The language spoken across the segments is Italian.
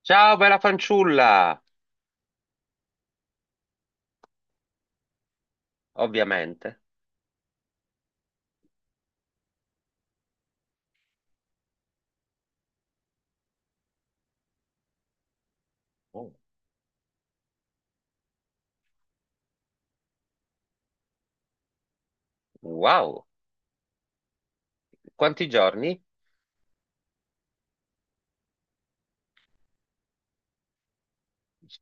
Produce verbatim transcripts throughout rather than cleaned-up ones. Ciao, bella fanciulla! Ovviamente. Oh, wow, quanti giorni?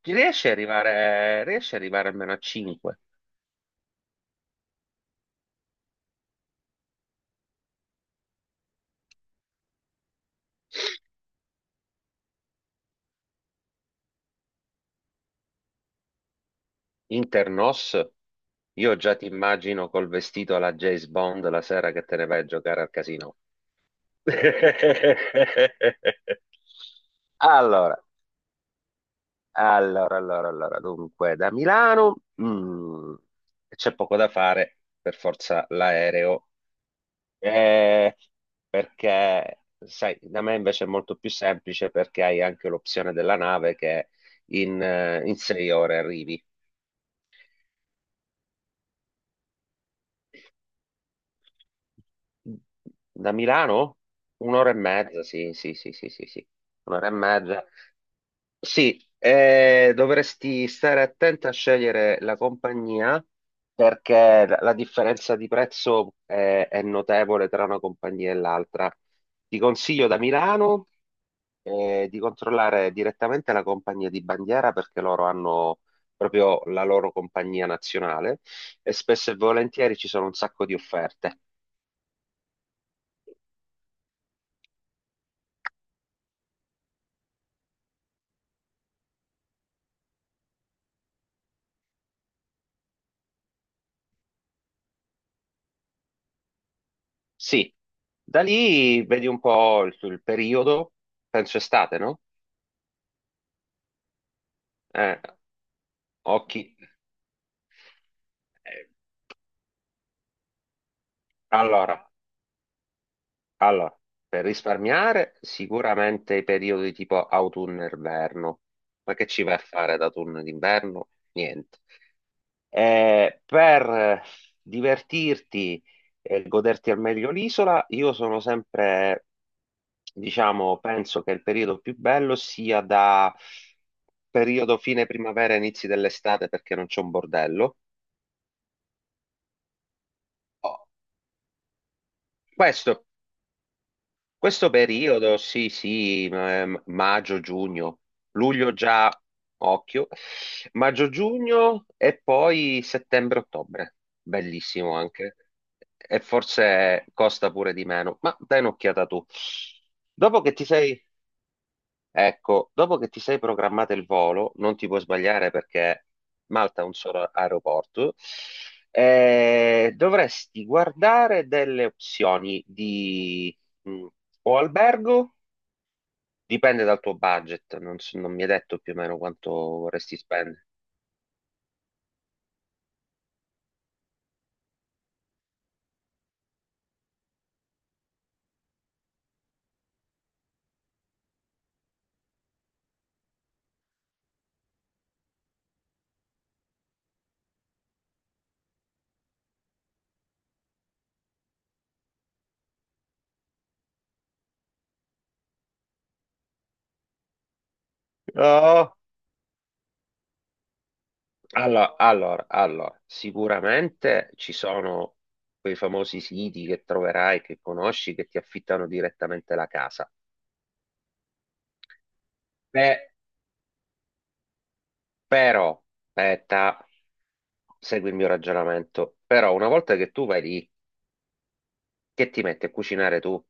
Riesci ad arrivare, riesci ad arrivare almeno a cinque? Internos? Io già ti immagino col vestito alla James Bond la sera che te ne vai a giocare al casino. Allora, allora, allora, allora, dunque, da Milano, mm, c'è poco da fare, per forza l'aereo. Eh, Perché, sai, da me invece è molto più semplice perché hai anche l'opzione della nave che in, eh, in sei ore arrivi. Da Milano? Un'ora e mezza, sì, sì, sì, sì, sì, sì. Un'ora e mezza. Sì, eh, dovresti stare attenta a scegliere la compagnia, perché la la differenza di prezzo è, è notevole tra una compagnia e l'altra. Ti consiglio da Milano, eh, di controllare direttamente la compagnia di bandiera, perché loro hanno proprio la loro compagnia nazionale e spesso e volentieri ci sono un sacco di offerte. Sì, da lì vedi un po' il, il periodo, penso estate, no? Eh, occhi. eh, allora, Allora, per risparmiare sicuramente i periodi tipo autunno-inverno, ma che ci vai a fare da autunno ed inverno? Niente. Eh, per eh, divertirti e goderti al meglio l'isola, io sono sempre, diciamo, penso che il periodo più bello sia da periodo fine primavera, inizi dell'estate, perché non c'è un bordello. Oh, Questo Questo periodo, sì, sì, ma- ehm, maggio, giugno, luglio già, occhio, maggio, giugno e poi settembre, ottobre, bellissimo anche, e forse costa pure di meno, ma dai un'occhiata tu. Dopo che ti sei, Ecco, dopo che ti sei programmato il volo, non ti puoi sbagliare, perché Malta ha un solo aeroporto. Eh, dovresti guardare delle opzioni di mh, o albergo, dipende dal tuo budget, non, so- non mi hai detto più o meno quanto vorresti spendere. Oh, Allora, allora, allora, sicuramente ci sono quei famosi siti che troverai, che conosci, che ti affittano direttamente la casa. Beh, però, aspetta, segui il mio ragionamento. Però una volta che tu vai lì, che ti metti a cucinare tu?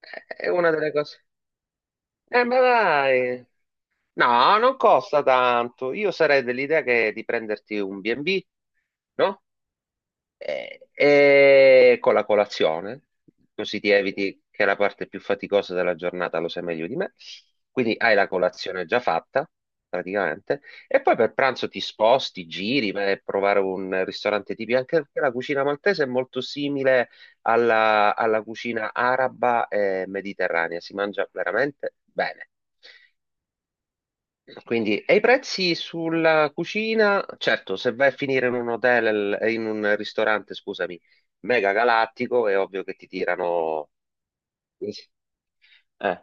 Eh, È una delle cose. Eh, ma dai, no, non costa tanto. Io sarei dell'idea che di prenderti un B and B, no? E, e con la colazione, così ti eviti che la parte più faticosa della giornata lo sai meglio di me. Quindi hai la colazione già fatta, praticamente, e poi per pranzo ti sposti, giri, vai a provare un ristorante tipico, anche perché la cucina maltese è molto simile alla, alla cucina araba e mediterranea, si mangia veramente bene. Quindi, e i prezzi sulla cucina? Certo, se vai a finire in un hotel, eh, in un ristorante, scusami, mega galattico, è ovvio che ti tirano... Eh,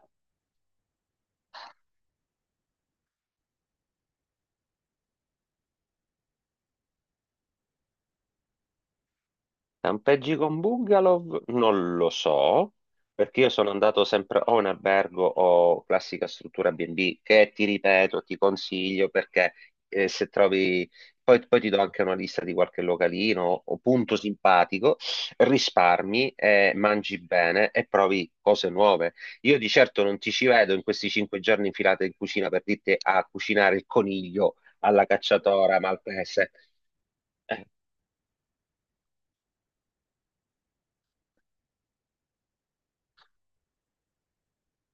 Campeggi con bungalow? Non lo so, perché io sono andato sempre o in albergo o classica struttura B and B, che, ti ripeto, ti consiglio, perché eh, se trovi, poi, poi ti do anche una lista di qualche localino o punto simpatico, risparmi, eh, mangi bene e provi cose nuove. Io di certo non ti ci vedo in questi cinque giorni infilati in cucina per dirti a cucinare il coniglio alla cacciatora maltese.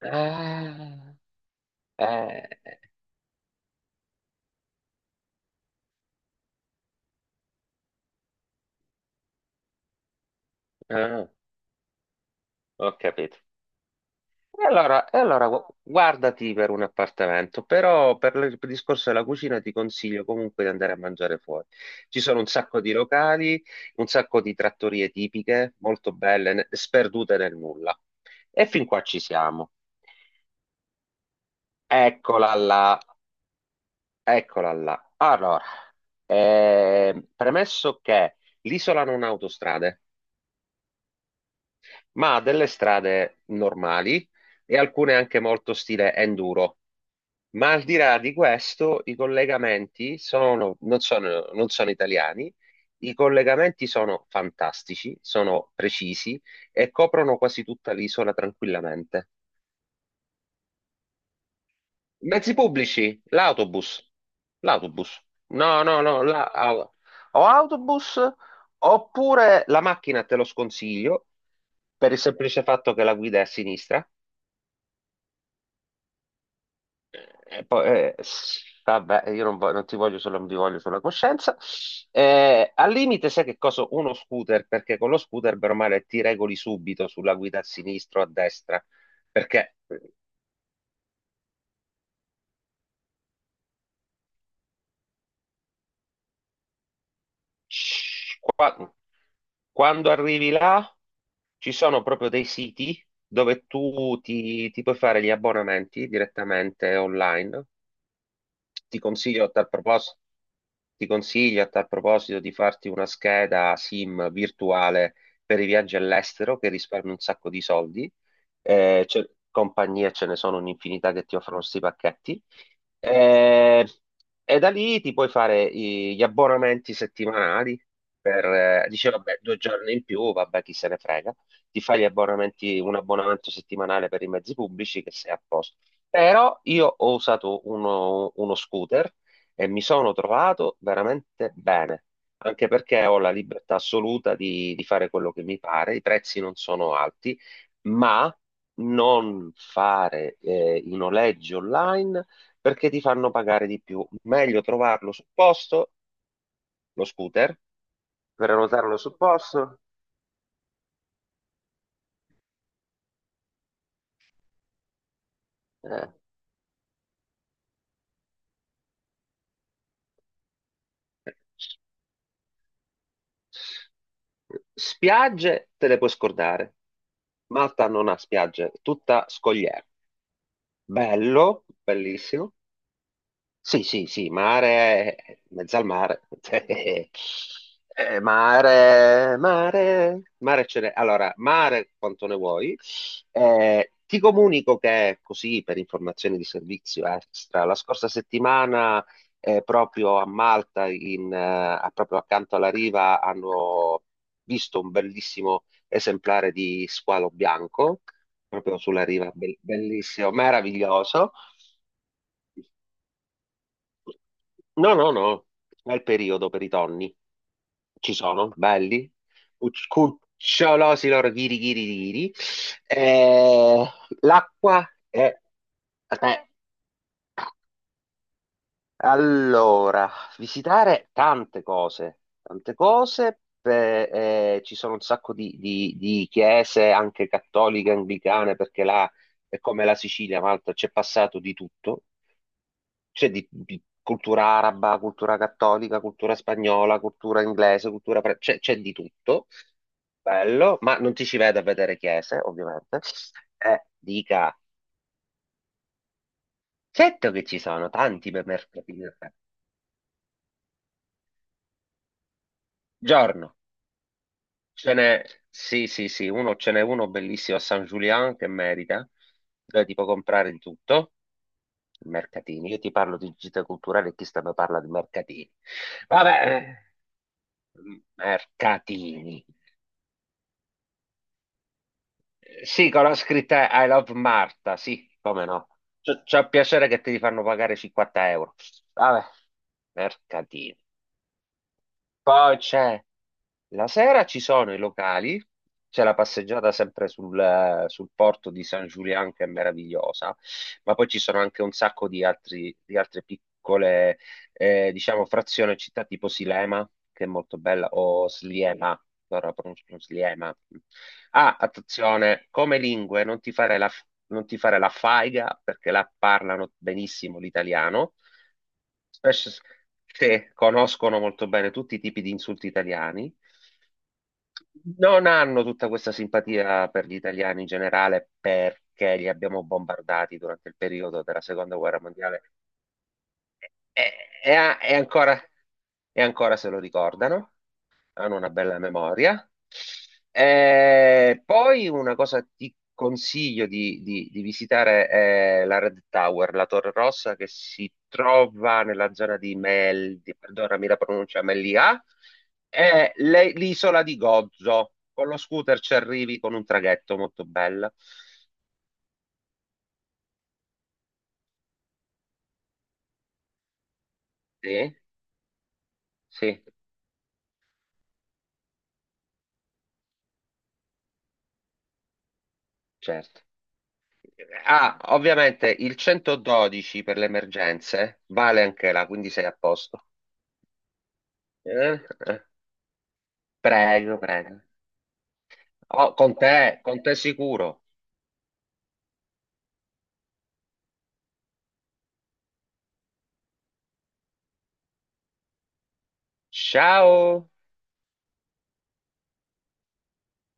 Eh, ah, eh, Ah, ho capito. E allora, e allora gu- guardati per un appartamento, però per il discorso della cucina ti consiglio comunque di andare a mangiare fuori. Ci sono un sacco di locali, un sacco di trattorie tipiche, molto belle, ne- sperdute nel nulla. E fin qua ci siamo. Eccola là, eccola là. Allora, eh, premesso che l'isola non ha autostrade, ma ha delle strade normali e alcune anche molto stile enduro. Ma al di là di questo, i collegamenti sono- non sono, non sono italiani, i collegamenti sono fantastici, sono precisi e coprono quasi tutta l'isola tranquillamente. Mezzi pubblici, l'autobus, l'autobus, no, no, no, la- au- o autobus oppure la macchina te lo sconsiglio per il semplice fatto che la guida è a sinistra. E poi, eh, vabbè, io non, vo- non ti voglio solo, non vi voglio sulla coscienza. Eh, al limite, sai che cosa? Uno scooter, perché con lo scooter, bene o male, ti regoli subito sulla guida a sinistra o a destra, perché eh, quando arrivi là ci sono proprio dei siti dove tu ti, ti puoi fare gli abbonamenti direttamente online. Ti consiglio a tal propos- Ti consiglio a tal proposito di farti una scheda SIM virtuale per i viaggi all'estero, che risparmi un sacco di soldi. Eh, c'è- compagnie ce ne sono un'infinità che ti offrono questi pacchetti. Eh, e da lì ti puoi fare i- gli abbonamenti settimanali, per, eh, dice, vabbè, due giorni in più, vabbè, chi se ne frega. Ti fai gli abbonamenti, un abbonamento settimanale per i mezzi pubblici, che sei a posto. Però io ho usato uno, uno scooter e mi sono trovato veramente bene, anche perché ho la libertà assoluta di, di fare quello che mi pare, i prezzi non sono alti, ma non fare eh, i noleggi online perché ti fanno pagare di più. Meglio trovarlo sul posto, lo scooter, prenotarlo sul posto. eh. Spiagge te le puoi scordare. Malta non ha spiagge, tutta scogliera. Bello, bellissimo. Sì, sì, sì, mare, mezzo al mare, cioè, Eh, mare, mare, mare ce n'è. Allora, mare quanto ne vuoi. Eh, ti comunico che, così, per informazioni di servizio extra, la scorsa settimana, eh, proprio a Malta, in, eh, a- proprio accanto alla riva, hanno visto un bellissimo esemplare di squalo bianco, proprio sulla riva, be- bellissimo, meraviglioso. No, no, no, è il periodo per i tonni. Ci sono, belli, cuc- cucciolosi loro, ghiri, ghiri, ghiri. Eh, l'acqua è... eh, Allora, visitare tante cose, tante cose, per- eh, ci sono un sacco di, di- di chiese, anche cattoliche, anglicane, perché là è come la Sicilia, Malta, c'è passato di tutto. Cioè di, di cultura araba, cultura cattolica, cultura spagnola, cultura inglese, cultura... pre- C'è c'è di tutto, bello, ma non ti ci vedo a vedere chiese, ovviamente. Eh, dica, certo che ci sono tanti per mercatini del Re. Giorno, ce n'è, sì, sì, sì, uno, ce n'è uno bellissimo a San Julian che merita, dove ti puoi comprare di tutto, mercatini. Io ti parlo di gite culturali e chi sta mi parla di mercatini. Vabbè, eh, mercatini. Sì, con la scritta I love Marta, sì, come no. C'è c'è il piacere che te li fanno pagare cinquanta euro. Vabbè, mercatino. Poi c'è La sera ci sono i locali, c'è la passeggiata sempre sul, eh, sul porto di San Giuliano, che è meravigliosa, ma poi ci sono anche un sacco di altri, di altre piccole, eh, diciamo, frazioni e città tipo Silema, che è molto bella, o Sliema, allora pronuncio Sliema. Ah, attenzione, come lingue non ti fare la, non ti fare la faiga, perché la parlano benissimo l'italiano. Spesso se conoscono molto bene tutti i tipi di insulti italiani, non hanno tutta questa simpatia per gli italiani in generale perché li abbiamo bombardati durante il periodo della seconda guerra mondiale e, e a- e ancora, e ancora se lo ricordano, hanno una bella memoria. Eh, poi una cosa ti consiglio di, di- di visitare è la Red Tower, la Torre Rossa, che si trova nella zona di Mel, di, perdonami la pronuncia, Melia, è le- l'isola di Gozo. Con lo scooter ci arrivi con un traghetto molto bello. Sì, sì, certo. Ah, ovviamente il centododici per le emergenze vale anche là, quindi sei a posto. Eh? eh. Prego, prego. Oh, con te, con te sicuro. Ciao.